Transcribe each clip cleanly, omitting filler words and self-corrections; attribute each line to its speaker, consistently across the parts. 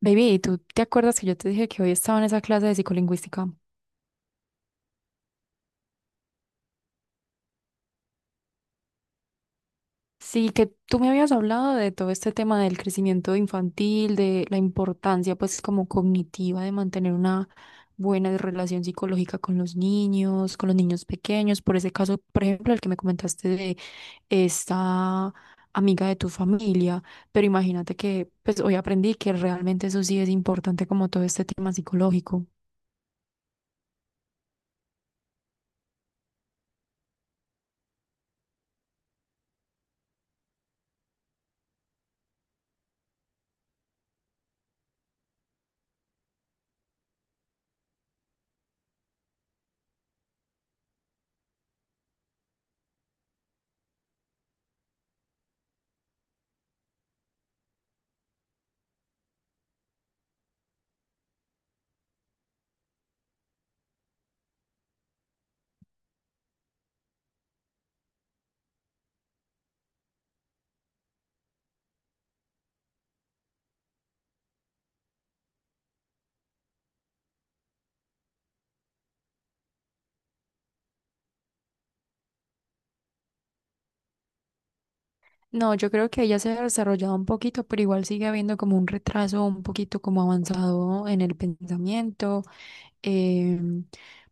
Speaker 1: Baby, ¿tú te acuerdas que yo te dije que hoy estaba en esa clase de psicolingüística? Sí, que tú me habías hablado de todo este tema del crecimiento infantil, de la importancia pues como cognitiva de mantener una buena relación psicológica con los niños pequeños, por ese caso, por ejemplo, el que me comentaste de esta amiga de tu familia, pero imagínate que pues hoy aprendí que realmente eso sí es importante como todo este tema psicológico. No, yo creo que ella se ha desarrollado un poquito, pero igual sigue habiendo como un retraso, un poquito como avanzado en el pensamiento, em,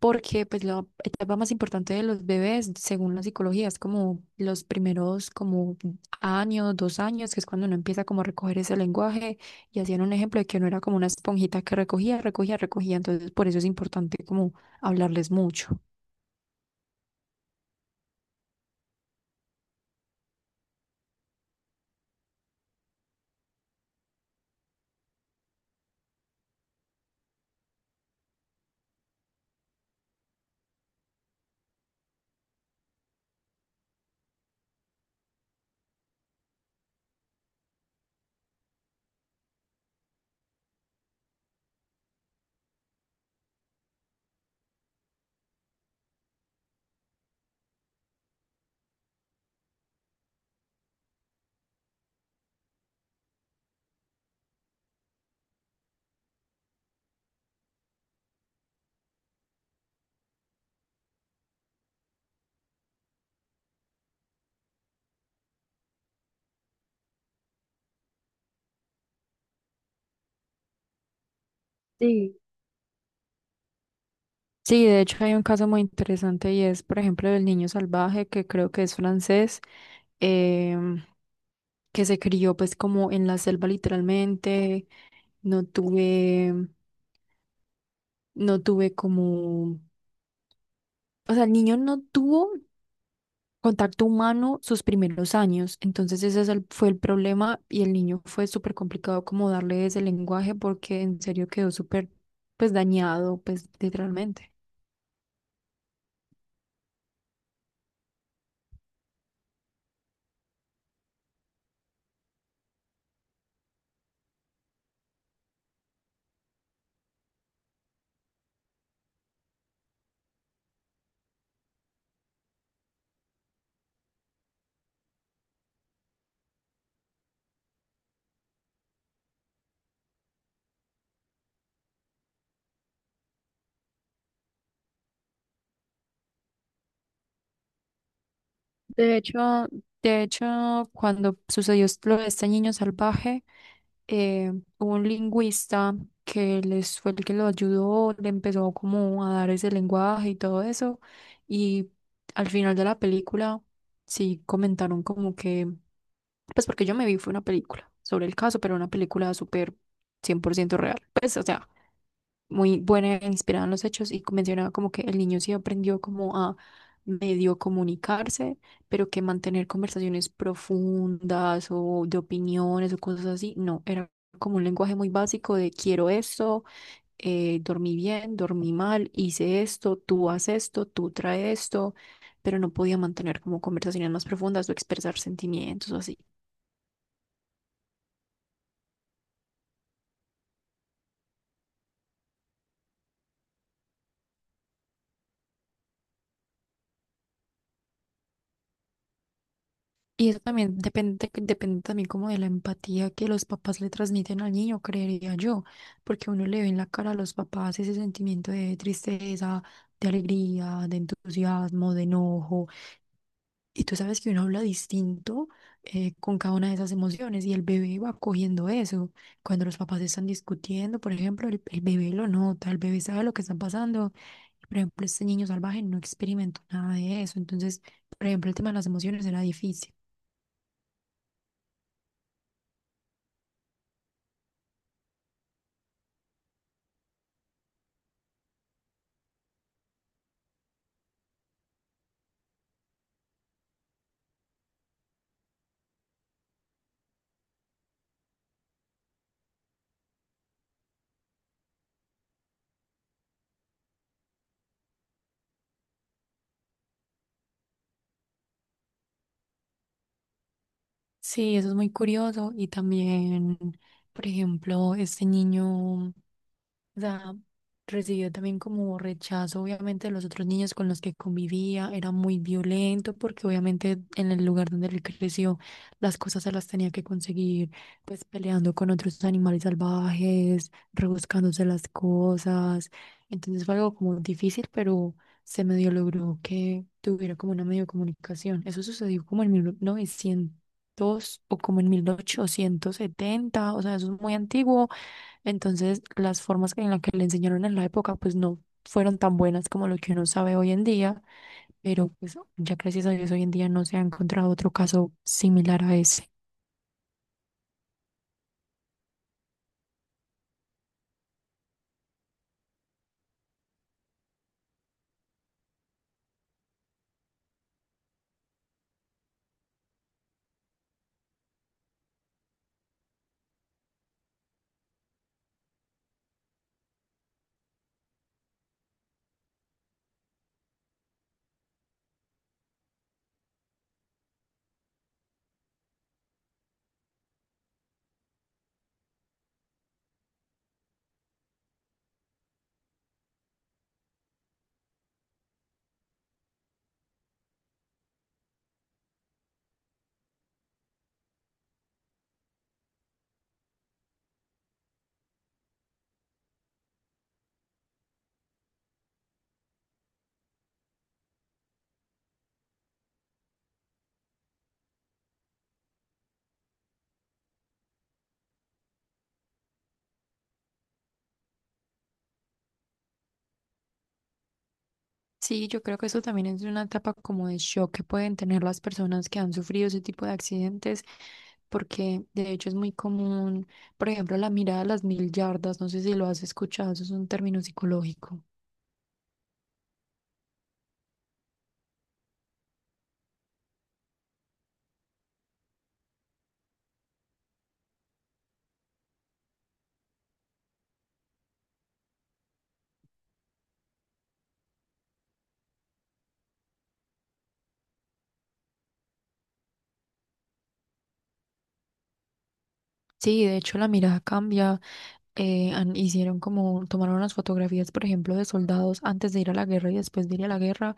Speaker 1: porque pues la etapa más importante de los bebés, según la psicología, es como los primeros como años, 2 años, que es cuando uno empieza como a recoger ese lenguaje y hacían un ejemplo de que uno era como una esponjita que recogía, recogía, recogía, entonces por eso es importante como hablarles mucho. Sí. Sí, de hecho hay un caso muy interesante y es, por ejemplo, del niño salvaje, que creo que es francés, em, que se crió pues como en la selva literalmente, no tuve, no tuve como, o sea, el niño no tuvo contacto humano sus primeros años, entonces ese fue el problema y el niño fue súper complicado como darle ese lenguaje porque en serio quedó súper pues dañado pues literalmente. De hecho, de hecho, cuando sucedió lo de este niño salvaje, eh, hubo un lingüista que les fue el que lo ayudó, le empezó como a dar ese lenguaje y todo eso. Y al final de la película, sí comentaron como que, pues porque yo me vi fue una película sobre el caso, pero una película súper 100% real. Pues, o sea, muy buena, e inspirada en los hechos y mencionaba como que el niño sí aprendió como a medio comunicarse, pero que mantener conversaciones profundas o de opiniones o cosas así, no, era como un lenguaje muy básico de quiero esto, dormí bien, dormí mal, hice esto, tú haz esto, tú trae esto, pero no podía mantener como conversaciones más profundas o expresar sentimientos o así. Y eso también depende, depende también como de la empatía que los papás le transmiten al niño, creería yo, porque uno le ve en la cara a los papás ese sentimiento de tristeza, de alegría, de entusiasmo, de enojo. Y tú sabes que uno habla distinto con cada una de esas emociones y el bebé va cogiendo eso. Cuando los papás están discutiendo, por ejemplo, el bebé lo nota, el bebé sabe lo que está pasando. Por ejemplo, este niño salvaje no experimentó nada de eso. Entonces, por ejemplo, el tema de las emociones era difícil. Sí, eso es muy curioso. Y también, por ejemplo, este niño. O sea, recibió también como rechazo, obviamente, de los otros niños con los que convivía. Era muy violento porque obviamente en el lugar donde él creció, las cosas se las tenía que conseguir, pues peleando con otros animales salvajes, rebuscándose las cosas. Entonces fue algo como difícil, pero se medio logró que tuviera como una medio comunicación. Eso sucedió como en 1900 o como en 1870, o sea, eso es muy antiguo, entonces las formas en las que le enseñaron en la época, pues no fueron tan buenas como lo que uno sabe hoy en día, pero pues ya gracias a Dios hoy en día no se ha encontrado otro caso similar a ese. Sí, yo creo que eso también es una etapa como de shock que pueden tener las personas que han sufrido ese tipo de accidentes, porque de hecho es muy común, por ejemplo, la mirada a las 1000 yardas, no sé si lo has escuchado, eso es un término psicológico. Sí, de hecho la mirada cambia. Hicieron como, tomaron unas fotografías, por ejemplo, de soldados antes de ir a la guerra y después de ir a la guerra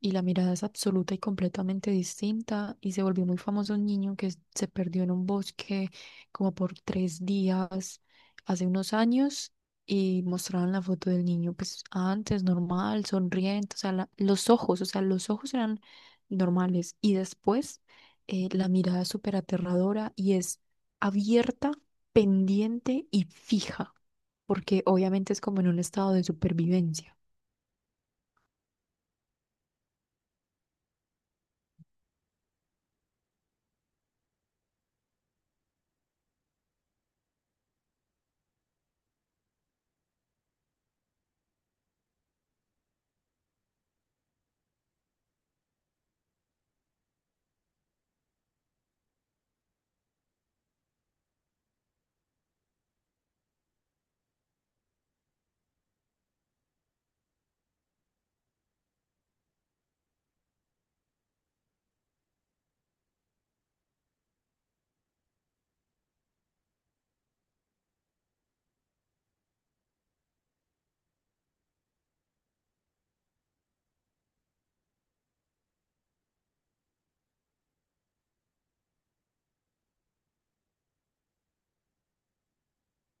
Speaker 1: y la mirada es absoluta y completamente distinta y se volvió muy famoso un niño que se perdió en un bosque como por 3 días hace unos años y mostraban la foto del niño pues antes normal, sonriente, o sea, los ojos, o sea, los ojos eran normales y después, la mirada es súper aterradora y es abierta, pendiente y fija, porque obviamente es como en un estado de supervivencia.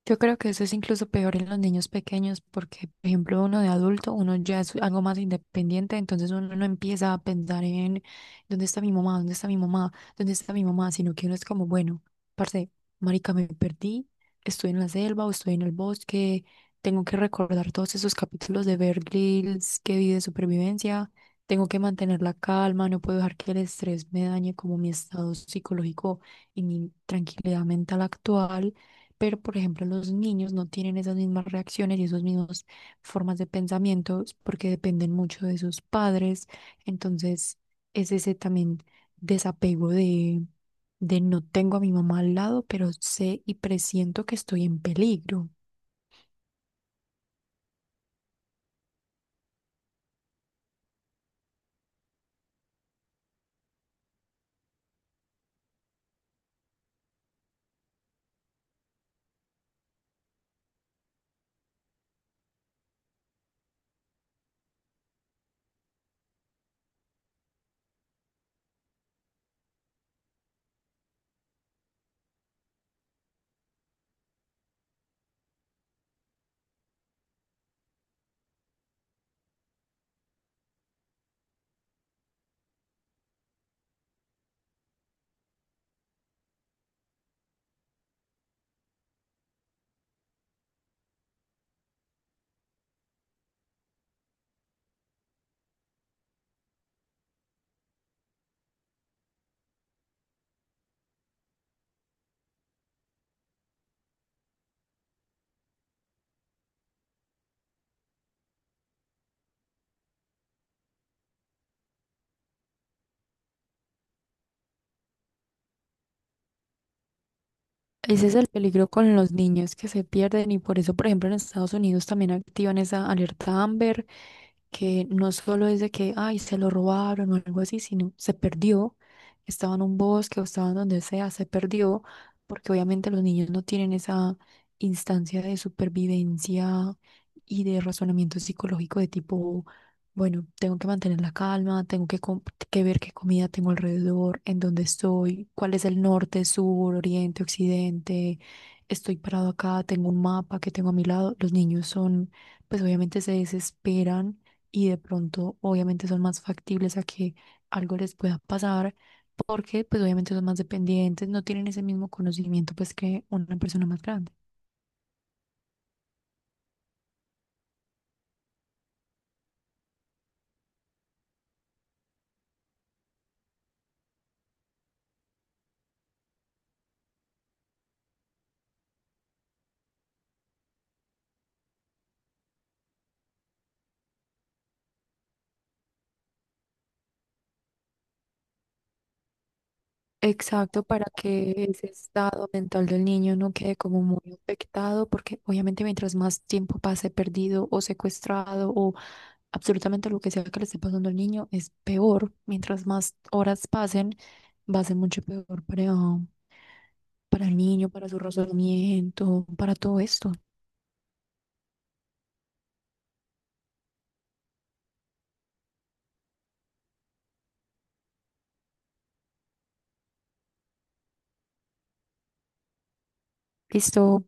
Speaker 1: Yo creo que eso es incluso peor en los niños pequeños porque, por ejemplo, uno de adulto, uno ya es algo más independiente, entonces uno no empieza a pensar en dónde está mi mamá, dónde está mi mamá, dónde está mi mamá, sino que uno es como, bueno, parce, marica, me perdí, estoy en la selva o estoy en el bosque, tengo que recordar todos esos capítulos de Bear Grylls que vi de supervivencia, tengo que mantener la calma, no puedo dejar que el estrés me dañe como mi estado psicológico y mi tranquilidad mental actual. Pero, por ejemplo, los niños no tienen esas mismas reacciones y esas mismas formas de pensamiento porque dependen mucho de sus padres. Entonces, es ese también desapego de, no tengo a mi mamá al lado, pero sé y presiento que estoy en peligro. Ese es el peligro con los niños que se pierden y por eso, por ejemplo, en Estados Unidos también activan esa alerta Amber, que no solo es de que, ay, se lo robaron o algo así, sino se perdió, estaba en un bosque o estaba en donde sea, se perdió, porque obviamente los niños no tienen esa instancia de supervivencia y de razonamiento psicológico de tipo bueno, tengo que mantener la calma, tengo que, que ver qué comida tengo alrededor, en dónde estoy, cuál es el norte, sur, oriente, occidente. Estoy parado acá, tengo un mapa que tengo a mi lado. Los niños son, pues obviamente se desesperan y de pronto obviamente son más factibles a que algo les pueda pasar porque pues obviamente son más dependientes, no tienen ese mismo conocimiento pues que una persona más grande. Exacto, para que ese estado mental del niño no quede como muy afectado, porque obviamente mientras más tiempo pase perdido o secuestrado o absolutamente lo que sea que le esté pasando al niño es peor. Mientras más horas pasen, va a ser mucho peor para el niño, para su razonamiento, para todo esto. Listo,